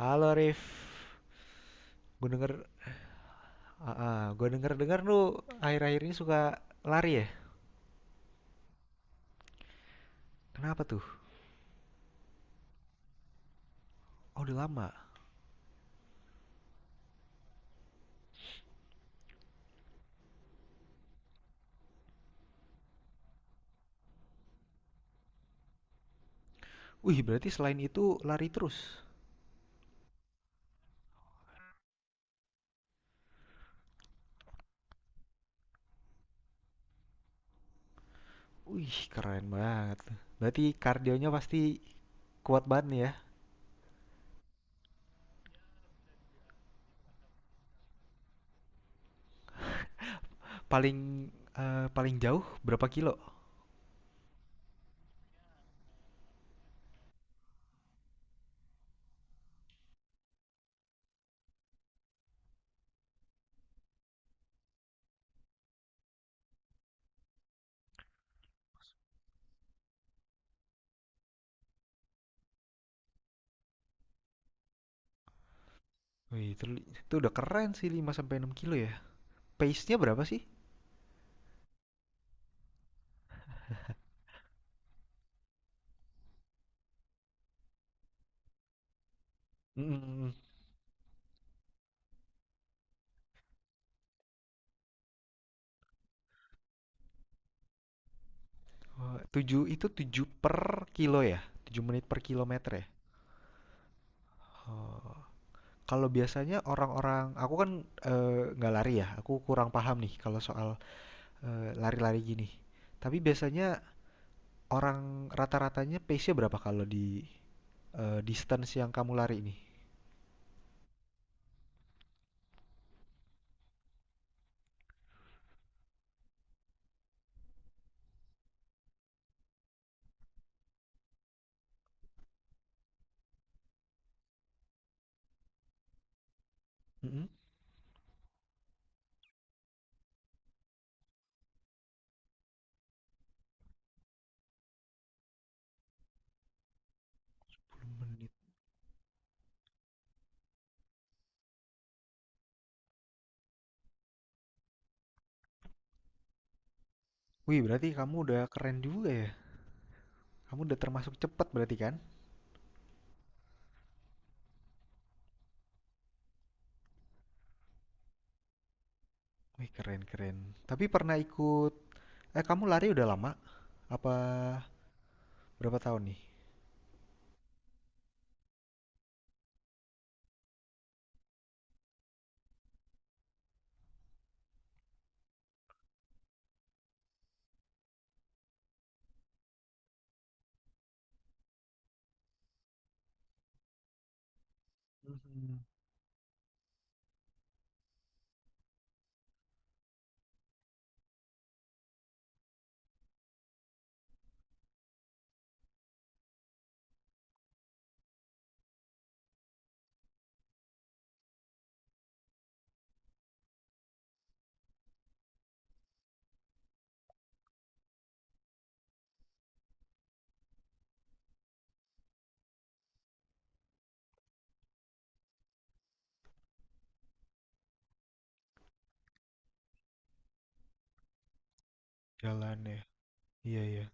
Halo Rif, gue denger, gue dengar lu akhir-akhir ini suka lari ya? Kenapa tuh? Oh udah lama. Wih berarti selain itu lari terus. Wih keren banget. Berarti kardionya pasti kuat banget nih ya. Paling Paling jauh berapa kilo? Wih itu, itu udah keren sih 5 sampai 6 kilo ya. Pace-nya berapa sih? Mm. Wah, itu 7 per kilo ya? 7 menit per kilometer ya? Oh, kalau biasanya orang-orang, aku kan nggak lari ya, aku kurang paham nih kalau soal lari-lari gini. Tapi biasanya orang rata-ratanya pace-nya berapa kalau di distance yang kamu lari ini? Mm-mm. Menit. Wih, berarti kamu udah keren juga ya. Kamu udah termasuk cepet berarti kan? Wih, keren keren. Tapi pernah ikut, eh kamu lari udah lama? Apa berapa tahun nih? Mhm. Jalan ya. Iya, iya.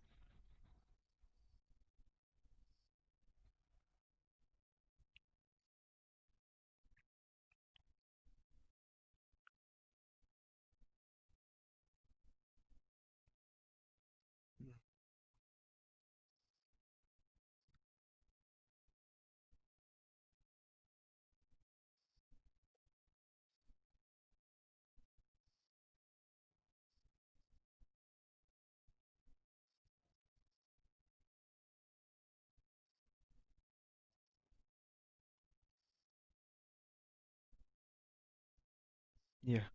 Iya.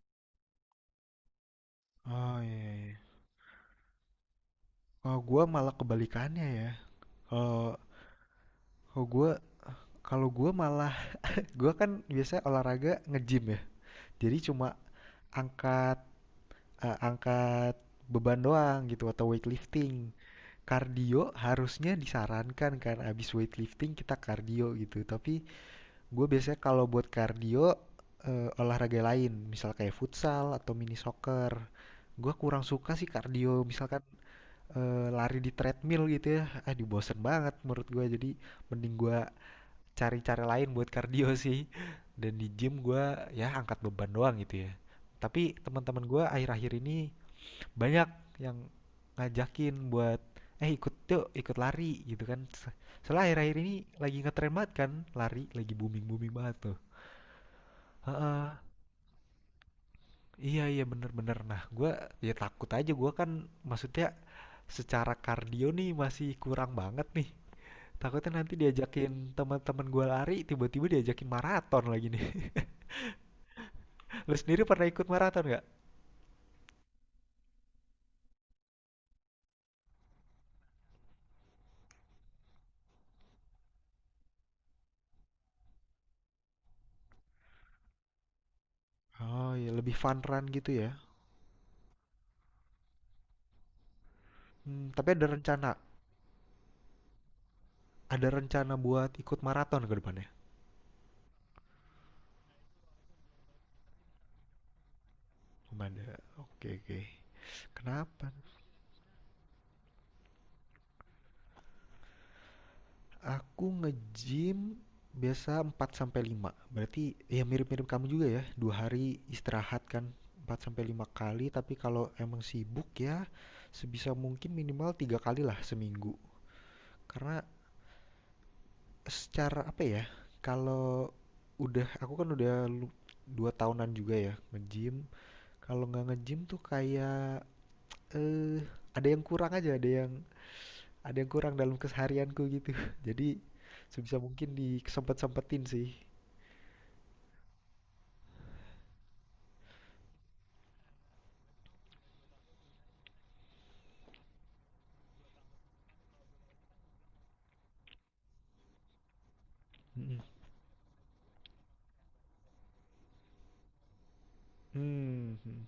Oh iya, iya, iya. Oh, gua malah kebalikannya ya. Kalau kalau gue kalau gue malah gue kan biasanya olahraga nge-gym ya. Jadi cuma angkat angkat beban doang gitu atau weightlifting. Kardio harusnya disarankan kan abis weightlifting kita kardio gitu. Tapi gue biasanya kalau buat kardio olahraga lain, misal kayak futsal atau mini soccer. Gue kurang suka sih kardio, misalkan lari di treadmill gitu ya. Ah, dibosen banget menurut gue. Jadi mending gue cari cara lain buat kardio sih. Dan di gym gue ya angkat beban doang gitu ya. Tapi teman-teman gue akhir-akhir ini banyak yang ngajakin buat ikut yuk ikut lari gitu kan. Soalnya akhir-akhir ini lagi ngetren banget kan, lari lagi booming-booming banget tuh. Heeh. Iya iya bener-bener. Nah gue ya takut aja gue kan, maksudnya secara kardio nih masih kurang banget nih. Takutnya nanti diajakin teman-teman gue lari tiba-tiba diajakin maraton lagi nih. Lu sendiri pernah ikut maraton nggak? Oh iya, lebih fun run gitu ya. Hmm, tapi ada rencana buat ikut maraton ke depannya? Belum ada. Oke, oke. Kenapa? Aku nge-gym biasa 4 sampai 5. Berarti ya mirip-mirip kamu juga ya. Dua hari istirahat kan. 4 sampai 5 kali, tapi kalau emang sibuk ya sebisa mungkin minimal tiga kali lah seminggu. Karena secara apa ya, kalau udah aku kan udah lu 2 tahunan juga ya nge-gym, kalau nggak nge-gym tuh kayak, ada yang kurang aja, ada yang kurang dalam keseharianku gitu. Jadi sebisa mungkin disempet-sempetin sih. Mhm. Mmm. Hmm.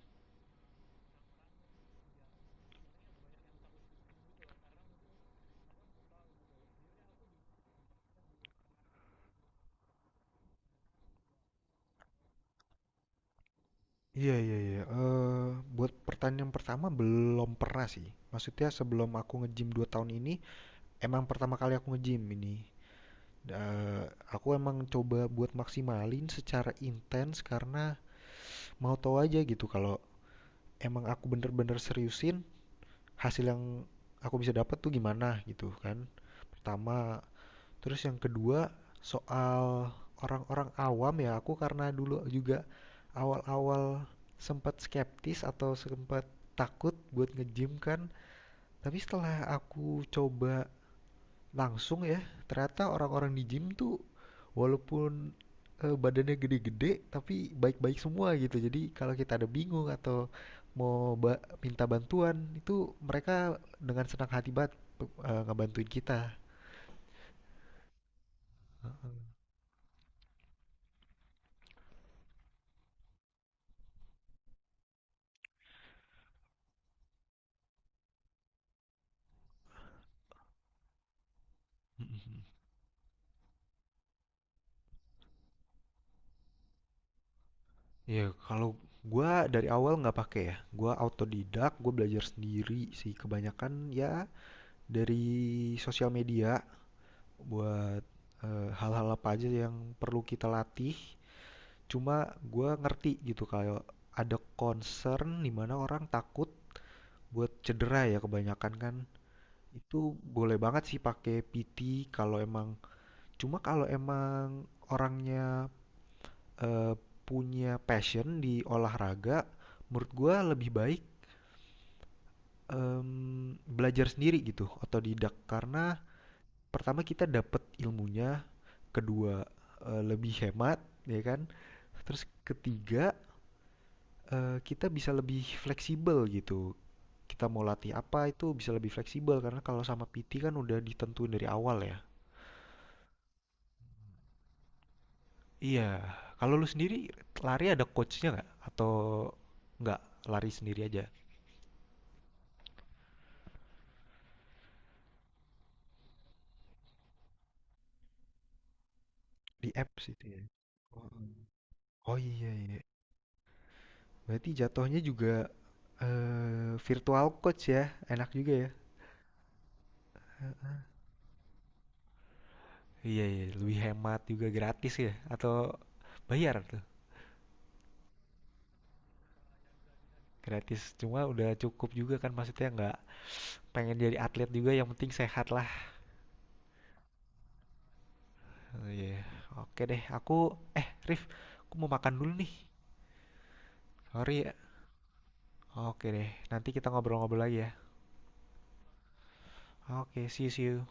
Iya iya iya, buat pertanyaan pertama belum pernah sih. Maksudnya sebelum aku nge-gym 2 tahun ini, emang pertama kali aku nge-gym ini. Eh, aku emang coba buat maksimalin secara intens karena mau tahu aja gitu kalau emang aku bener-bener seriusin hasil yang aku bisa dapat tuh gimana gitu kan. Pertama, terus yang kedua soal orang-orang awam ya aku karena dulu juga awal-awal sempat skeptis atau sempat takut buat nge-gym kan. Tapi setelah aku coba langsung ya. Ternyata orang-orang di gym tuh walaupun badannya gede-gede tapi baik-baik semua gitu. Jadi kalau kita ada bingung atau mau minta bantuan itu mereka dengan senang hati banget ngebantuin kita. Mm-mm. Ya, kalau gue dari awal nggak pakai ya. Gue autodidak, gue belajar sendiri sih kebanyakan ya dari sosial media buat hal-hal apa aja yang perlu kita latih. Cuma gue ngerti gitu kalau ada concern dimana orang takut buat cedera ya kebanyakan kan. Itu boleh banget sih pakai PT kalau emang, cuma kalau emang orangnya eh, punya passion di olahraga, menurut gue lebih baik belajar sendiri gitu, otodidak karena pertama kita dapet ilmunya, kedua lebih hemat ya kan. Terus ketiga kita bisa lebih fleksibel gitu. Kita mau latih apa itu bisa lebih fleksibel karena kalau sama PT kan udah ditentuin dari awal ya. Iya, kalau lu sendiri lari ada coachnya nggak? Atau nggak lari sendiri aja? Di apps itu ya. Oh, oh iya iya. Berarti jatuhnya juga virtual coach ya. Enak juga ya. Iya, iya, lebih hemat juga gratis ya? Atau bayar tuh? Gratis, cuma udah cukup juga kan, maksudnya nggak pengen jadi atlet juga, yang penting sehat lah. Iya, oke deh aku, eh Rif, aku mau makan dulu nih, sorry ya. Oke deh, nanti kita ngobrol-ngobrol lagi ya. Oke, see you see you.